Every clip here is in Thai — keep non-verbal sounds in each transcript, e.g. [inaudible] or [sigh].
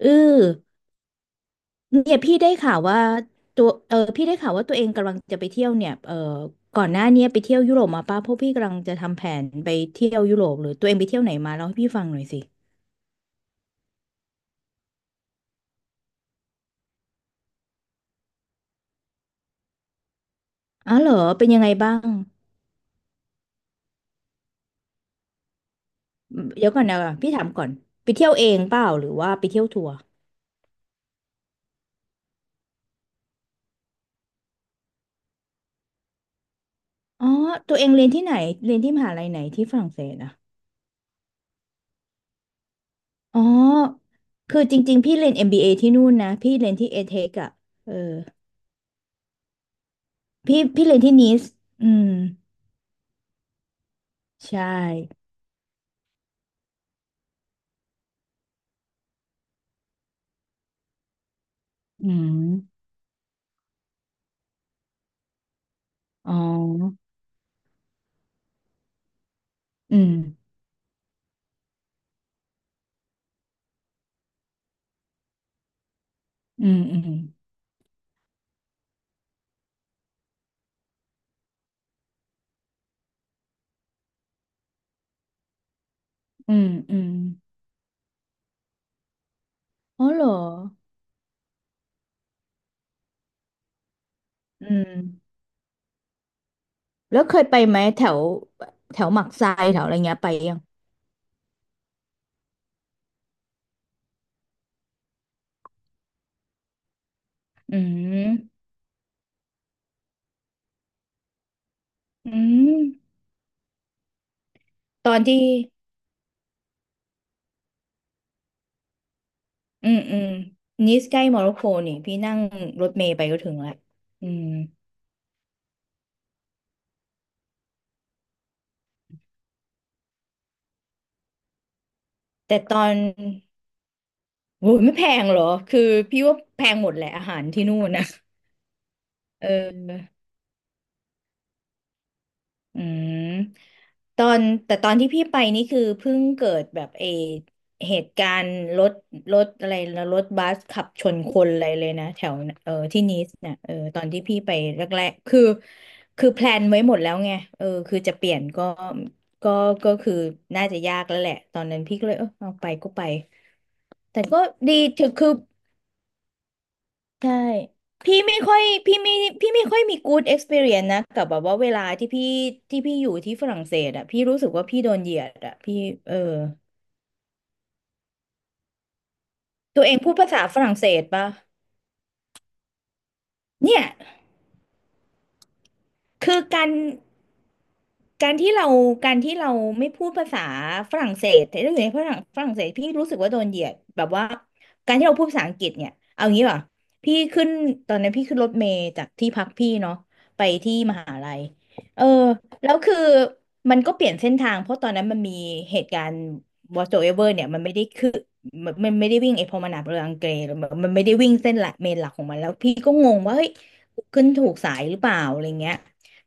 เออเนี่ยพี่ได้ข่าวว่าตัวพี่ได้ข่าวว่าตัวเองกำลังจะไปเที่ยวเนี่ยก่อนหน้าเนี้ยไปเที่ยวยุโรปมาป่ะเพราะพี่กำลังจะทำแผนไปเที่ยวยุโรปหรือตัวเองไปเที่ยวไหนมาเล่าให้พี่ฟังหน่อยสิอ๋อเหรอเป็นยังไงบ้างเดี๋ยวก่อนนะพี่ถามก่อนไปเที่ยวเองเปล่าหรือว่าไปเที่ยวทัวร์อ๋อตัวเองเรียนที่ไหนเรียนที่มหาลัยไหนที่ฝรั่งเศสอะอ๋อคือจริงๆพี่เรียน MBA ที่นู่นนะพี่เรียนที่เอเทคอะเออพี่เรียนที่นีสอืมใช่อืม อ๋ออืมอืมอืมอืมอืมอ๋อเหรออืมแล้วเคยไปไหมแถวแถวหมักทรายแถวอะไรเงี้ยไปยัง อืมอืมตอนที่อืมอืมนิสใกล้โมร็อกโกนี่พี่นั่งรถเมล์ไปก็ถึงละอืมแต่ตอนโหไม่แพงเหรอ คือพี่ว่าแพงหมดแหละอาหารที่นู่นนะเออ อืมตอนแต่ตอนที่พี่ไปนี่คือเพิ่งเกิดแบบเหตุการณ์รถอะไรนะรถบัสขับชนคนอะไรเลยนะแถวที่นีสเนี่ยตอนที่พี่ไปแรกๆคือคือแพลนไว้หมดแล้วไงคือจะเปลี่ยนก็ก็คือน่าจะยากแล้วแหละตอนนั้นพี่ก็เลยเอาไปก็ไปแต่ก็ดีถือคือ ใช่พี่ไม่ค่อยพี่ไม่ค่อยมี good experience นะกับแบบว่าเวลาที่พี่อยู่ที่ฝรั่งเศสอะพี่รู้สึกว่าพี่โดนเหยียดอะพี่เออตัวเองพูดภาษาฝรั่งเศสปะเนี่ยคือการ การที่เราการที่เราไม่พูดภาษาฝรั่งเศสแต่ถ้าอยู่ในฝรั่งเศสพี่รู้สึกว่าโดนเหยียดแบบว่าการที่เราพูดภาษาอังกฤษเนี่ยเอางี้ป่ะพี่ขึ้นตอนนั้นพี่ขึ้นรถเมล์จากที่พักพี่เนาะไปที่มหาลัยเออแล้วคือมันก็เปลี่ยนเส้นทางเพราะตอนนั้นมันมีเหตุการณ์ whatsoever เนี่ยมันไม่ได้คือมันไม่ได้วิ่งไอ้พอมนาบเรืออังเกรหรือมันไม่ได้วิ่งเส้นหลักเมนหลักของมันแล้วพี่ก็งงว่าเฮ้ยขึ้นถูกสายหรือเปล่าอะไรเงี้ย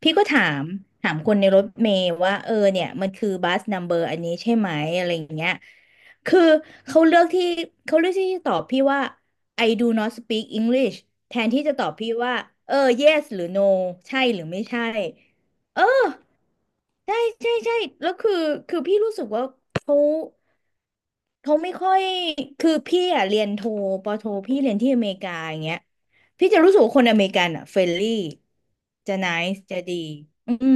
พี่ก็ถามถามคนในรถเมล์ว่าเนี่ยมันคือบัสนัมเบอร์อันนี้ใช่ไหมอะไรอย่างเงี้ยคือเขาเลือกที่เขาเลือกที่จะตอบพี่ว่า I do not speak English แทนที่จะตอบพี่ว่าเออ yes หรือ no ใช่หรือไม่ใช่เออ ใช่ใช่แล้วคือคือพี่รู้สึกว่าเขาไม่ค่อยคือพี่อ่ะเรียนโทปอโทพี่เรียนที่อเมริกาอย่างเงี้ยพี่จะรู้สึกว่าคนอเมริกันอ่ะเฟรนลี่จะ n น c e จะดีอืม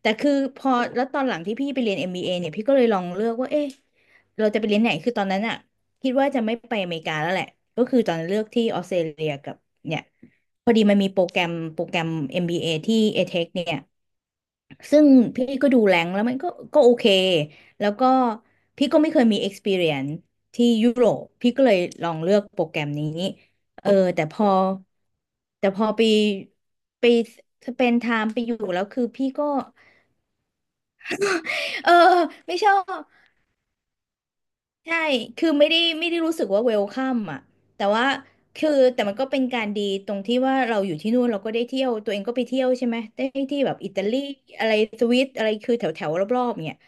แต่คือพอแล้วตอนหลังที่พี่ไปเรียนเอ็มบ a เอเนี่ยพี่ก็เลยลองเลือกว่าเอ๊ะเราจะไปเรียนไหนคือตอนนั้นอ่ะคิดว่าจะไม่ไปอเมริกาแล้วแหละก็คือตอนนั้นเลือกที่ออสเตรเลียกับเนี่ยพอดีมันมีโปรแกรมเอ็มบีเ a ที่ ETH เทคเนี่ย ซึ่งพี่ก็ดูแรงแล้วมันก็ก็โอเคแล้วก็พี่ก็ไม่เคยมี experience ที่ยุโรปพี่ก็เลยลองเลือกโปรแกรมนี้เออแต่พอแต่พอไปไปสเปนไทม์ไปอยู่แล้วคือพี่ก็ [laughs] เออไม่ชอบใช่คือไม่ได้รู้สึกว่าเวลคัมอ่ะแต่ว่าคือแต่มันก็เป็นการดีตรงที่ว่าเราอยู่ที่นู่นเราก็ได้เที่ยวตัวเองก็ไปเที่ยวใช่ไหมได้ที่แบบอิตาลีอะไรสวิตอะไรคือแถวแถวรอบๆเนี่ย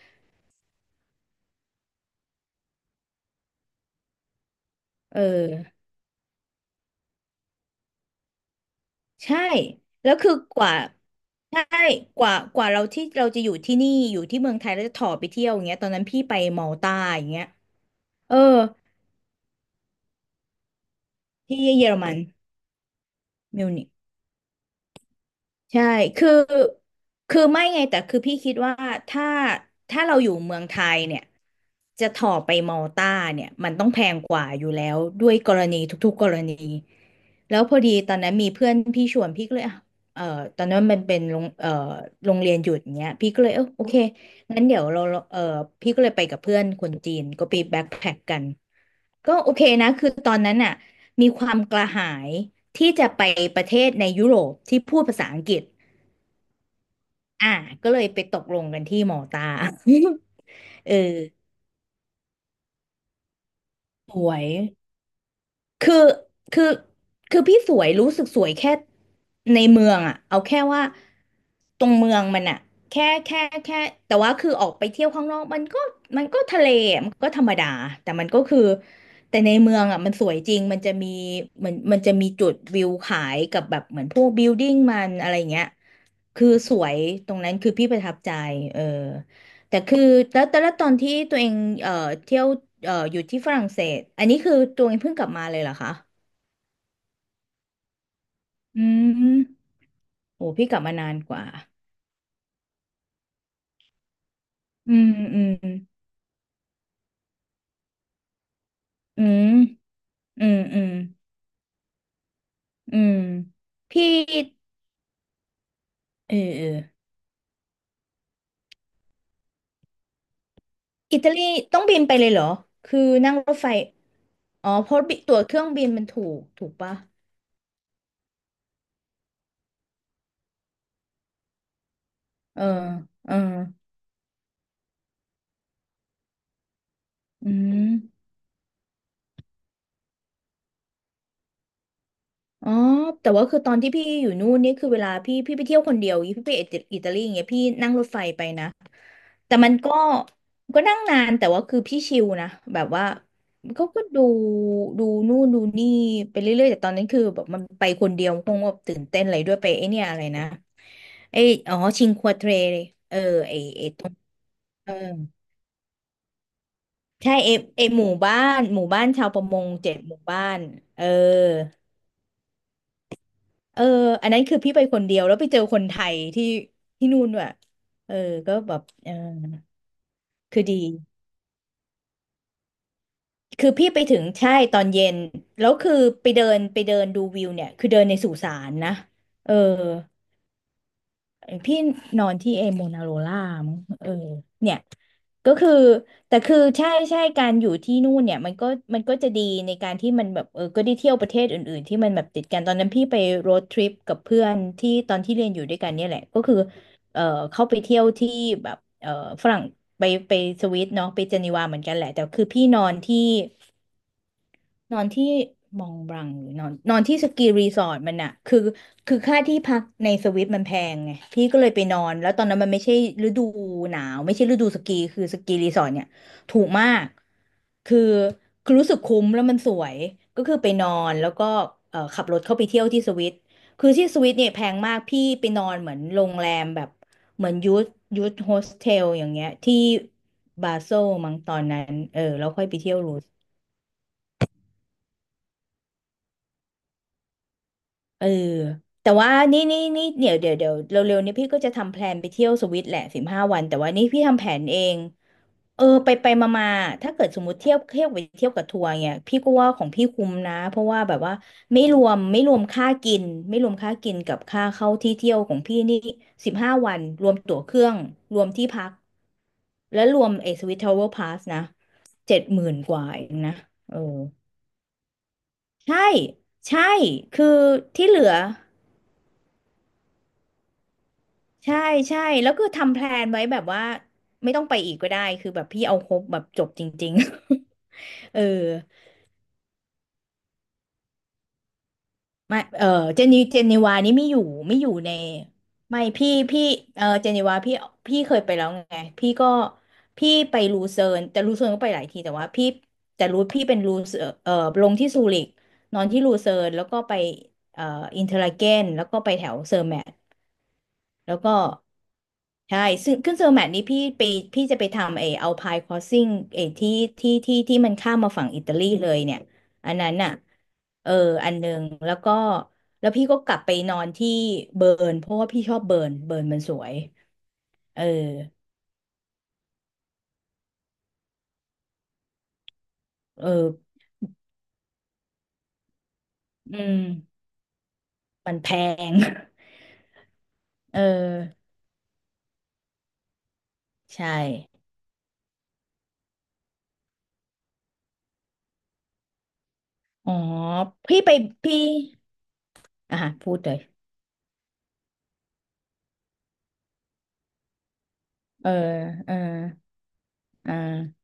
เออ ใช่ แล้วคือกว่าใช่กว่าเราที่เราจะอยู่ที่นี่อยู่ที่เมืองไทยแล้วจะถ่อไปเที่ยวอย่างเงี้ยตอนนั้นพี่ไปมอลตาอย่างเงี้ยเออที่เยอรมันมิวนิก ใช่คือคือไม่ไงแต่คือพี่คิดว่า ถ้า ถ้าเราอยู่เมืองไทยเนี่ย จะถ่อไปมอลต้าเนี่ย มันต้องแพงกว่าอยู่แล้ว ด้วยกรณีทุกๆกรณี แล้วพอดีตอนนั้นมีเพื่อนพี่ชวนพี่ก็เลยอ่ะเออตอนนั้นมันเป็นโรงโรงเรียนหยุดอย่างเงี้ยพี่ก็เลยโอเคงั้นเดี๋ยวเราเออพี่ก็เลยไปกับเพื่อนคนจีนก็ไปแบ็คแพ็คกันก็โอเคนะ คือตอนนั้นน่ะมีความกระหาย ที่จะไปประเทศในยุโรปที่พูดภาษาอังกฤษอ่าก็เลยไปตกลงกันที่มอลตา [laughs] เออสวยคือคือคือพี่สวยรู้สึกสวยแค่ในเมืองอ่ะเอาแค่ว่าตรงเมืองมันอ่ะแค่แค่แค่แต่ว่าคือออกไปเที่ยวข้างนอกมันก็ทะเลอะมันก็ธรรมดาแต่มันก็คือแต่ในเมืองอ่ะมันสวยจริงมันจะมีจุดวิวขายกับแบบเหมือนพวกบิลดิ้งมันอะไรเงี้ย คือสวยตรงนั้นคือพี่ประทับใจเออแต่คือแล้วแต่ละตอนที่ตัวเองเอ่อเที่ยวอยู่ที่ฝรั่งเศสอันนี้คือตัวเองเพิ่งกลับมาเลยเหรอคะอืมโอ้พี่กลับมานานกว่าอืมอืมอืมอืมอืมอืมพี่เอออิตาลีต้องบินไปเลยเหรอคือนั่งรถไฟอ๋อเพราะตั๋วเครื่องบินมันถูกปะเออเอออืม อ๋อ แต่ว่าคือตอนที่พี่อยู่นู่นนี่คือเวลาพี่ไปเที่ยวคนเดียวอย่างงี้พี่ไปอิตาลีอย่างเงี้ยพี่นั่งรถไฟไปนะแต่มันก็ก็นั่งนานแต่ว่าคือพี่ชิลนะแบบว่าเขาก็ดูนู่นดูนี่ไปเรื่อยๆแต่ตอนนั้นคือแบบมันไปคนเดียวคงแบบตื่นเต้นอะไรด้วยไปไอเนี่ยอะไรนะไออ๋อชิงควาเทรเลยเออไอไอตรงอใช่เอเอหมู่บ้านชาวประมง7 หมู่บ้านเออ เอออันนั้นคือพี่ไปคนเดียวแล้วไปเจอคนไทยที่ที่นู่นด้วยเออก็แบบคือดี คือพี่ไปถึงใช่ตอนเย็น แล้วคือไปเดินดูวิวเนี่ย คือเดินในสุสานนะเออ พี่นอนที่เอโมนาโรล่ามั้งเนี่ยก็คือแต่คือใช่การอยู่ที่นู่นเนี่ยมันก็มันก็จะดีในการที่มันแบบก็ได้เที่ยวประเทศอื่นๆที่มันแบบติดกันตอนนั้นพี่ไปโรดทริปกับเพื่อนที่ตอนที่เรียนอยู่ด้วยกันเนี่ยแหละก็คือเออเข้าไปเที่ยวที่แบบฝรั่งไปไปสวิตเนาะไปเจนีวาเหมือนกันแหละแต่คือพี่นอนที่ นอนที่มองบลังหรือนอนนอนที่สกีรีสอร์ทมันอะคือคือค่าที่พักในสวิตมันแพงไงพี่ก็เลยไปนอนแล้วตอนนั้นมันไม่ใช่ฤดูหนาวไม่ใช่ฤดูสกีคือสกีรีสอร์ทเนี่ยถูกมากคือคือรู้สึกคุ้มแล้วมันสวยก็คือไปนอนแล้วก็ขับรถเข้าไปเที่ยวที่สวิตคือที่สวิตเนี่ยแพงมากพี่ไปนอนเหมือนโรงแรมแบบเหมือนยูทโฮสเทลอย่างเงี้ยที่บาโซลมั้งตอนนั้นเออแล้วค่อยไปเที่ยวรูส เออแต่ว่านี่เดี๋ยวเร็วๆนี้พี่ก็จะทำแพลนไปเที่ยวสวิตแหละสิบห้าวันแต่ว่านี่พี่ทำแผนเองเออไปไปมามาถ้าเกิดสมมติเที่ยวเที่ยวไปเที่ยวกับทัวร์เนี่ยพี่ก็ว่าของพี่คุ้มนะเพราะว่าแบบว่าไม่รวมค่ากินไม่รวมค่ากินกับค่าเข้าที่เที่ยวของพี่นี่สิบห้าวันรวมตั๋วเครื่องรวมที่พักและรวมไอ้สวิตทราวเวลร์พาสนะ70,000กว่าเองนะเออใช่ใช่คือที่เหลือ ใช่ใช่แล้วคือทำแพลนไว้แบบว่าไม่ต้องไปอีกก็ได้คือแบบพี่เอาครบแบบจบจริงๆ [laughs] เออมาเออเจนีวานี่ไม่อยู่ไม่อยู่ในไม่พี่เออเจนีวาพี่พี่เคยไปแล้วไงพี่ก็พี่ไปลูเซิร์นแต่ลูเซิร์นก็ไปหลายทีแต่ว่าพี่แต่รู้พี่เป็นลูเซิร์นเออลงที่ซูริกนอนที่ลูเซิร์นแล้วก็ไปเอ่ออินเทอร์ลาเกนแล้วก็ไปแถวเซอร์แมท แล้วก็ใช่ซึ่งขึ้นเซอร์แมทนี้พี่ไปพี่จะไปทำไอเอาพายคอสซิ่งไอที่ที่มันข้ามมาฝั่งอิตาลีเลยเนี่ยอันนั้นอ่ะเอออันหนึ่งแล้วก็แล้วพี่ก็กลับไปนอนที่เบิร์นเพราะว่าพี่ชอบเบิร์นเบิร์นมันสวยเออเอออืมมันแพง [laughs] เออใช่อ๋อพี่ไปพี่อ่ะพูดเลยเออเอออ่า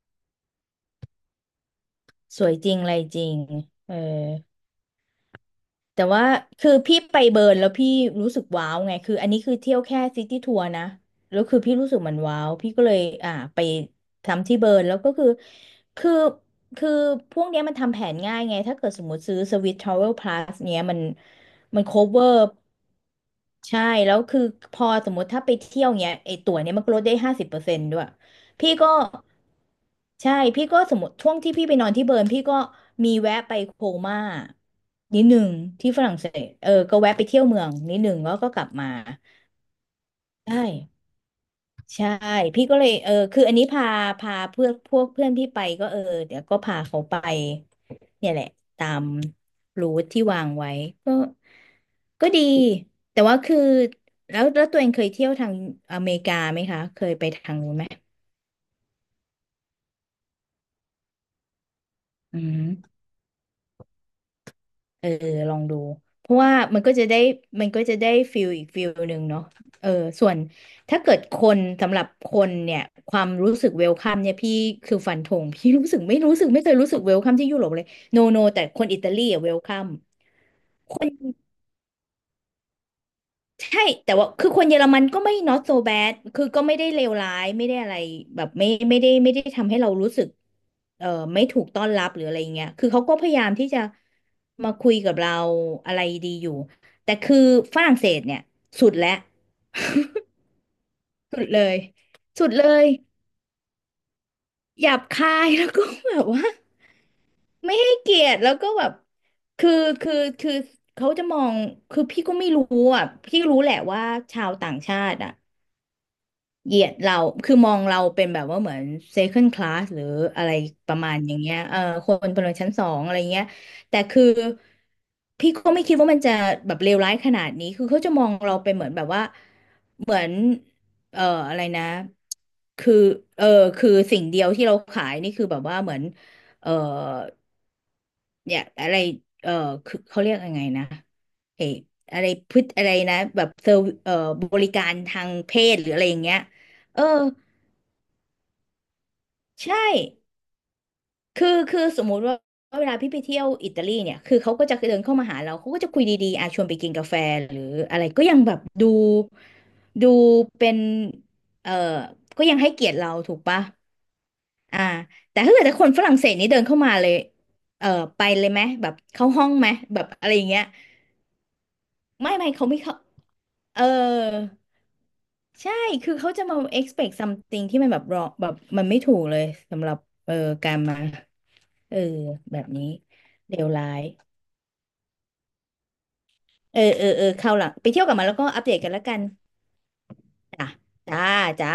สวยจริงอะไรจริงเออ แต่ว่าคือพี่ไปเบิร์นแล้วพี่รู้สึกว้าวไงคืออันนี้คือเที่ยวแค่ซิตี้ทัวร์นะแล้วคือพี่รู้สึกมันว้าวพี่ก็เลยไปทำที่เบิร์นแล้วก็คือคือพวกเนี้ยมันทำแผนง่ายไงถ้าเกิดสมมติซื้อสวิส Travel Plus เนี้ยมัน cover ใช่แล้วคือพอสมมติถ้าไปเที่ยวเนี้ยไอตั๋วเนี้ยมันก็ลดได้50%ด้วย พี่ก็ใช่พี่ก็สมมติช่วงที่พี่ไปนอนที่เบิร์นพี่ก็มีแวะไปโคม่านิดหนึ่งที่ฝรั่งเศสก็แวะไปเที่ยวเมืองนิดหนึ่งแล้วก็กลับมาใช่ใช่พี่ก็เลยคืออันนี้พาเพื่อนพวกเพื่อนพี่ไปก็เดี๋ยวก็พาเขาไปเนี่ยแหละตามรูทที่วางไว้ก็ก็ดีแต่ว่าคือแล้วตัวเองเคยเที่ยวทางอเมริกาไหมคะเคยไปทางนู้นไหมอืม เออลองดูเพราะว่ามันก็จะได้ฟิลอีกฟิลหนึ่งเนาะเออส่วนถ้าเกิดคนสำหรับคนเนี่ยความรู้สึกเวลคัมเนี่ยพี่คือฟันธง [laughs] พี่รู้สึกไม่รู้สึกไม่เคยรู้สึกเวลคัมที่ยุโรปเลยโนโนแต่คนอิตาลีอะเวลคัม ใช่แต่ว่าคือคนเยอรมันก็ไม่ not so bad คือก็ไม่ได้เลวร้ายไม่ได้อะไรแบบไม่ได้ทำให้เรารู้สึกเอ่อไม่ถูกต้อนรับหรืออะไรเงี้ยคือเขาก็พยายามที่จะมาคุยกับเราอะไรดีอยู่แต่คือฝรั่งเศสเนี่ยสุดแล้วสุดเลยสุดเลยหยาบคายแล้วก็แบบว่าไม่ให้เกียรติแล้วก็แบบคือคือคือเขาจะมองคือพี่ก็ไม่รู้อ่ะพี่รู้แหละว่าชาวต่างชาติอ่ะ เหยียดเราคือมองเราเป็นแบบว่าเหมือน second class หรืออะไรประมาณอย่างเงี้ยคนพลเมืองชั้นสองอะไรเงี้ยแต่คือพี่ก็ไม่คิดว่ามันจะแบบเลวร้ายขนาดนี้คือเขาจะมองเราเป็นเหมือนแบบว่าเหมือนเอ่ออะไรนะคือเออคือสิ่งเดียวที่เราขายนี่คือแบบว่าเหมือนเอ่อเนี่ยอะไรเอ่อคือเขาเรียกยังไงนะเอออะไรพฤติอะไรนะแบบเซอร์บริการทางเพศหรืออะไรอย่างเงี้ยเออ ใช่คือสมมุติว่าเวลาพี่ไปเที่ยวอิตาลีเนี่ยคือเขาก็จะเดินเข้ามาหาเราเขาก็จะคุยดีๆอ่ชวนไปกินกาแฟหรืออะไรก็ยังแบบดูเป็นเออก็ยังให้เกียรติเราถูกปะอ่าแต่ถ้าเกิดแต่คนฝรั่งเศสนี่เดินเข้ามาเลยเออไปเลยไหมแบบเข้าห้องไหมแบบอะไรอย่างเงี้ยไม่เขาเออใช่คือเขาจะมา expect something ที่มันแบบรอแบบมันไม่ถูกเลยสำหรับเออการมา เออแบบนี้เลวร้ายเออเข้าวหลังไปเที่ยวกลับมาแล้วก็อัปเดตกันแล้วกันจ้ะจ้าจ้า